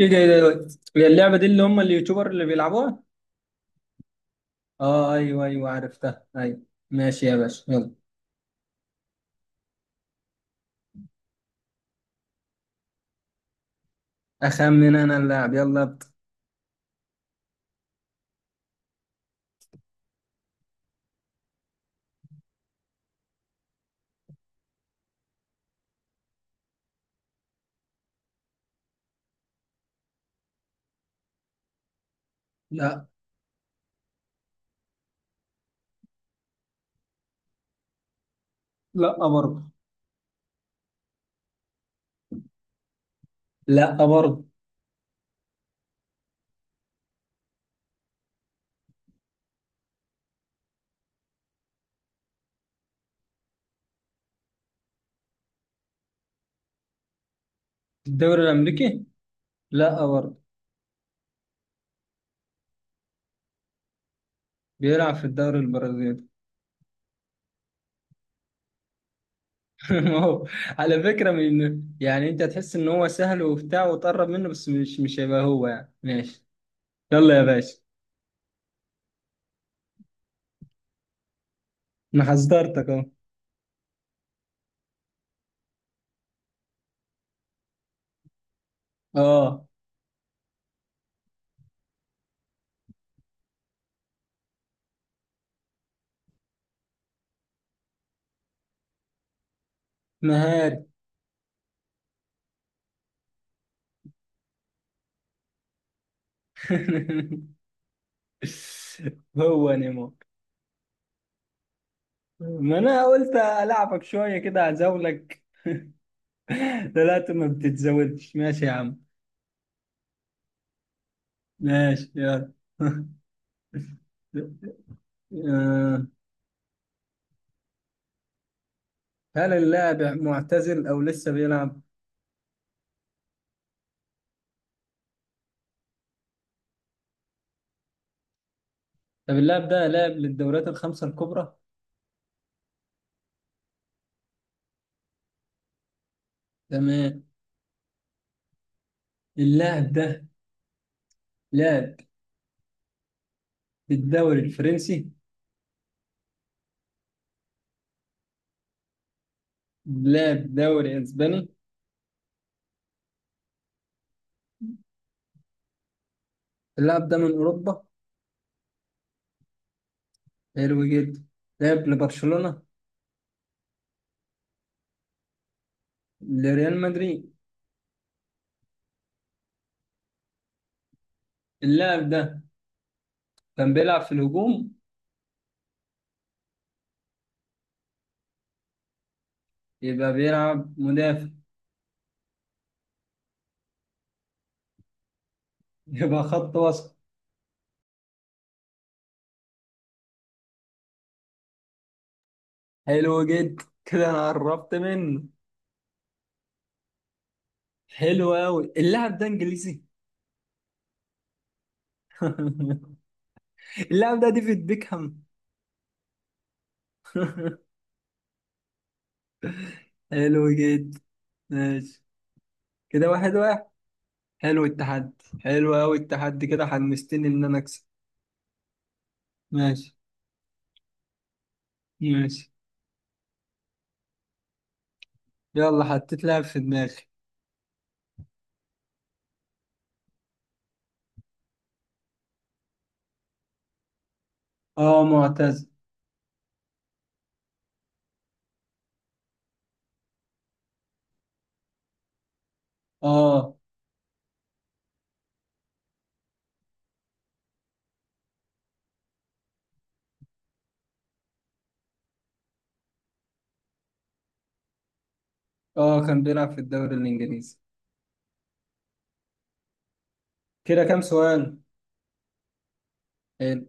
ايه ده ايه ده إيه ده؟ هي اللعبة دي اللي هم اليوتيوبر اللي بيلعبوها؟ اه، ايوه ايوه عرفتها. ايوه. ماشي يا باشا، يلا. اخمن انا اللاعب، يلا ابدا. لا. لا برضه. لا برضه. الدوري الامريكي؟ لا برضه. بيلعب في الدوري البرازيلي. هو على فكرة، من يعني انت تحس ان هو سهل وبتاع وتقرب منه، بس مش هيبقى هو، يعني ماشي. يلا يا باشا. انا حذرتك اهو. اه، مهاري. هو نيمو. ما انا قلت العبك شويه كده اعزولك. طلعت ما بتتزودش، ماشي يا عم. ماشي. يلا. آه، هل اللاعب معتزل او لسه بيلعب؟ طب اللاعب ده لاعب للدوريات الخمسه الكبرى. تمام. اللاعب ده لاعب للدوري الفرنسي. لاعب دوري اسباني. اللاعب ده من اوروبا. حلو جدا. لاعب لبرشلونه. لريال مدريد. اللاعب ده كان بيلعب في الهجوم. يبقى بيلعب مدافع. يبقى خط وسط. حلو جدا، كده انا قربت منه. حلو قوي. اللاعب ده انجليزي. اللاعب ده ديفيد بيكهام. حلو جدا. ماشي. كده واحد واحد. حلو التحدي. حلو قوي التحدي، كده حمستني ان انا اكسب. ماشي. ماشي. يلا، حطيت لاعب في دماغي. اه، معتز. اه. اه، كان بيلعب في الدوري الانجليزي. كده كام سؤال؟ حلو.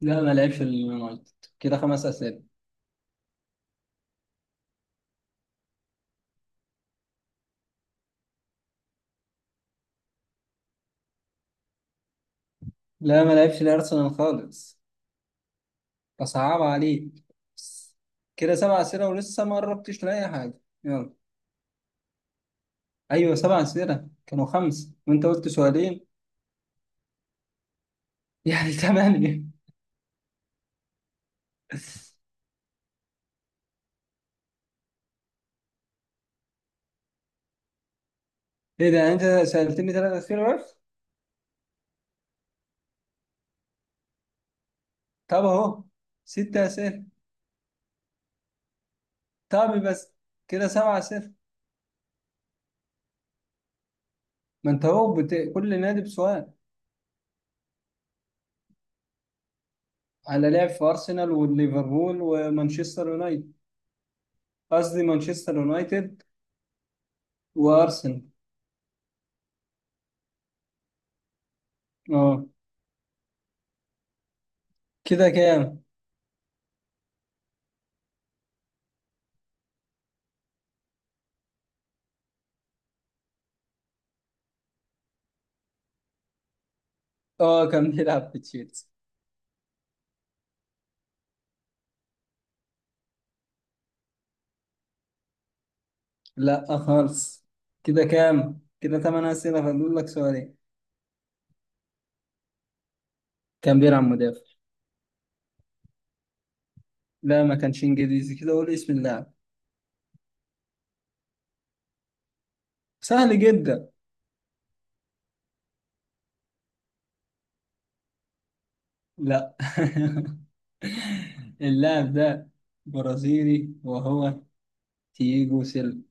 لا، ما لعبش اليونايتد. كده خمس اسئله. لا، ما لعبش الارسنال خالص. أصعب عليك. كده سبع أسئلة ولسه ما قربتش لأي حاجة. يلا. أيوة، سبع أسئلة. كانوا خمس وأنت قلت سؤالين، يعني تمانية. إيه ده؟ أنت سألتني ثلاث أسئلة بس. طب أهو ست أسئلة. طب بس، كده سبع أسئلة. ما أنت أهو كل نادي بسؤال. على لعب في أرسنال وليفربول ومانشستر يونايتد. قصدي مانشستر يونايتد وأرسنال. أه. كده كام؟ أه، كان بيلعب في تشيلسي. لا خالص. كده كام؟ كده ثمان أسئلة، فاضل لك سؤالين. كان بيلعب مدافع. لا، ما كانش إنجليزي، كده قول اسم اللاعب. سهل جدا. لا. اللاعب ده برازيلي وهو تييجو سيلفا.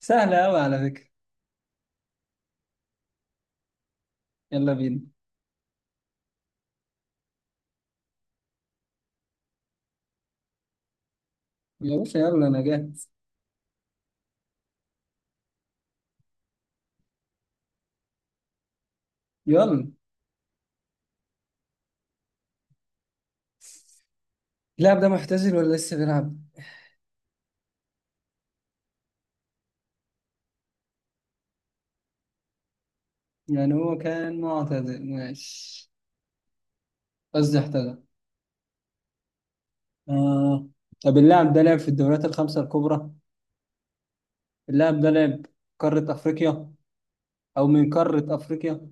سهل أوي على فكرة. يلا بينا. يا باشا، يلا أنا جاهز. يلا. اللاعب ده معتزل ولا لسه بيلعب؟ يعني هو كان معتزل، ماشي. قصدي اعتزل. آه. طب اللاعب ده لعب في الدوريات الخمسة الكبرى. اللاعب ده لعب قارة أفريقيا، أو من قارة أفريقيا؟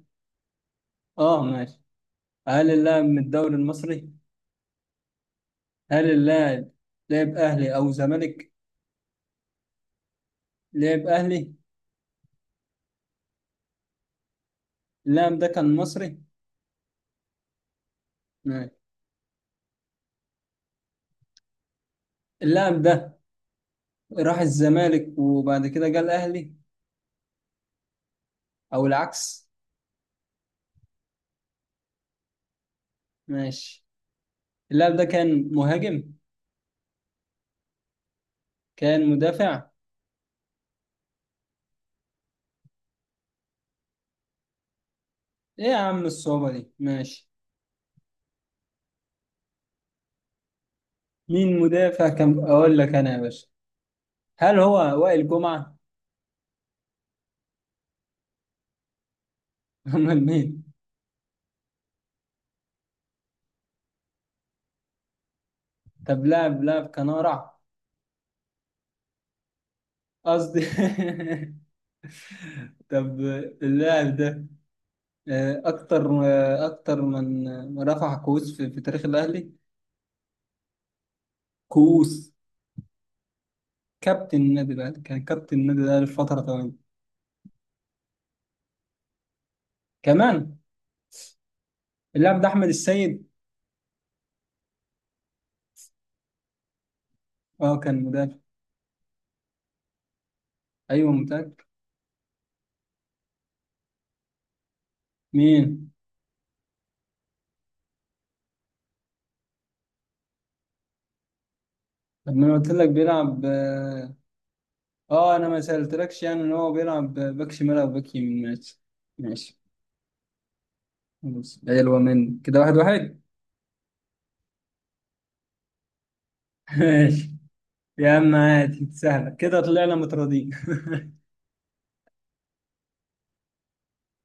آه، ماشي. هل اللاعب من الدوري المصري؟ هل اللاعب لعب أهلي أو زمالك؟ لعب أهلي؟ اللاعب ده كان مصري؟ ماشي. اللاعب ده راح الزمالك وبعد كده جه الأهلي، أو العكس؟ ماشي. اللاعب ده كان مهاجم؟ كان مدافع؟ إيه يا عم الصعوبة دي؟ ماشي. مين مدافع كان أقول لك أنا يا باشا؟ هل هو وائل جمعة؟ أمال مين؟ طب لاعب كان أقرع؟ قصدي. طب اللاعب ده، اكتر من رفع كؤوس في تاريخ الاهلي. كؤوس. كابتن النادي الاهلي، كان كابتن النادي الاهلي في فتره طويله. كمان. اللاعب ده احمد السيد. اه، كان مدافع. ايوه متاكد. مين؟ طب ما انا قلت لك بيلعب، اه. انا ما سالتلكش يعني ان هو بيلعب باك شمال او باك يمين، ماشي. ماشي. خلاص، حلوه مني. كده واحد واحد. ماشي يا عم، عادي سهله، كده طلعنا متراضيين.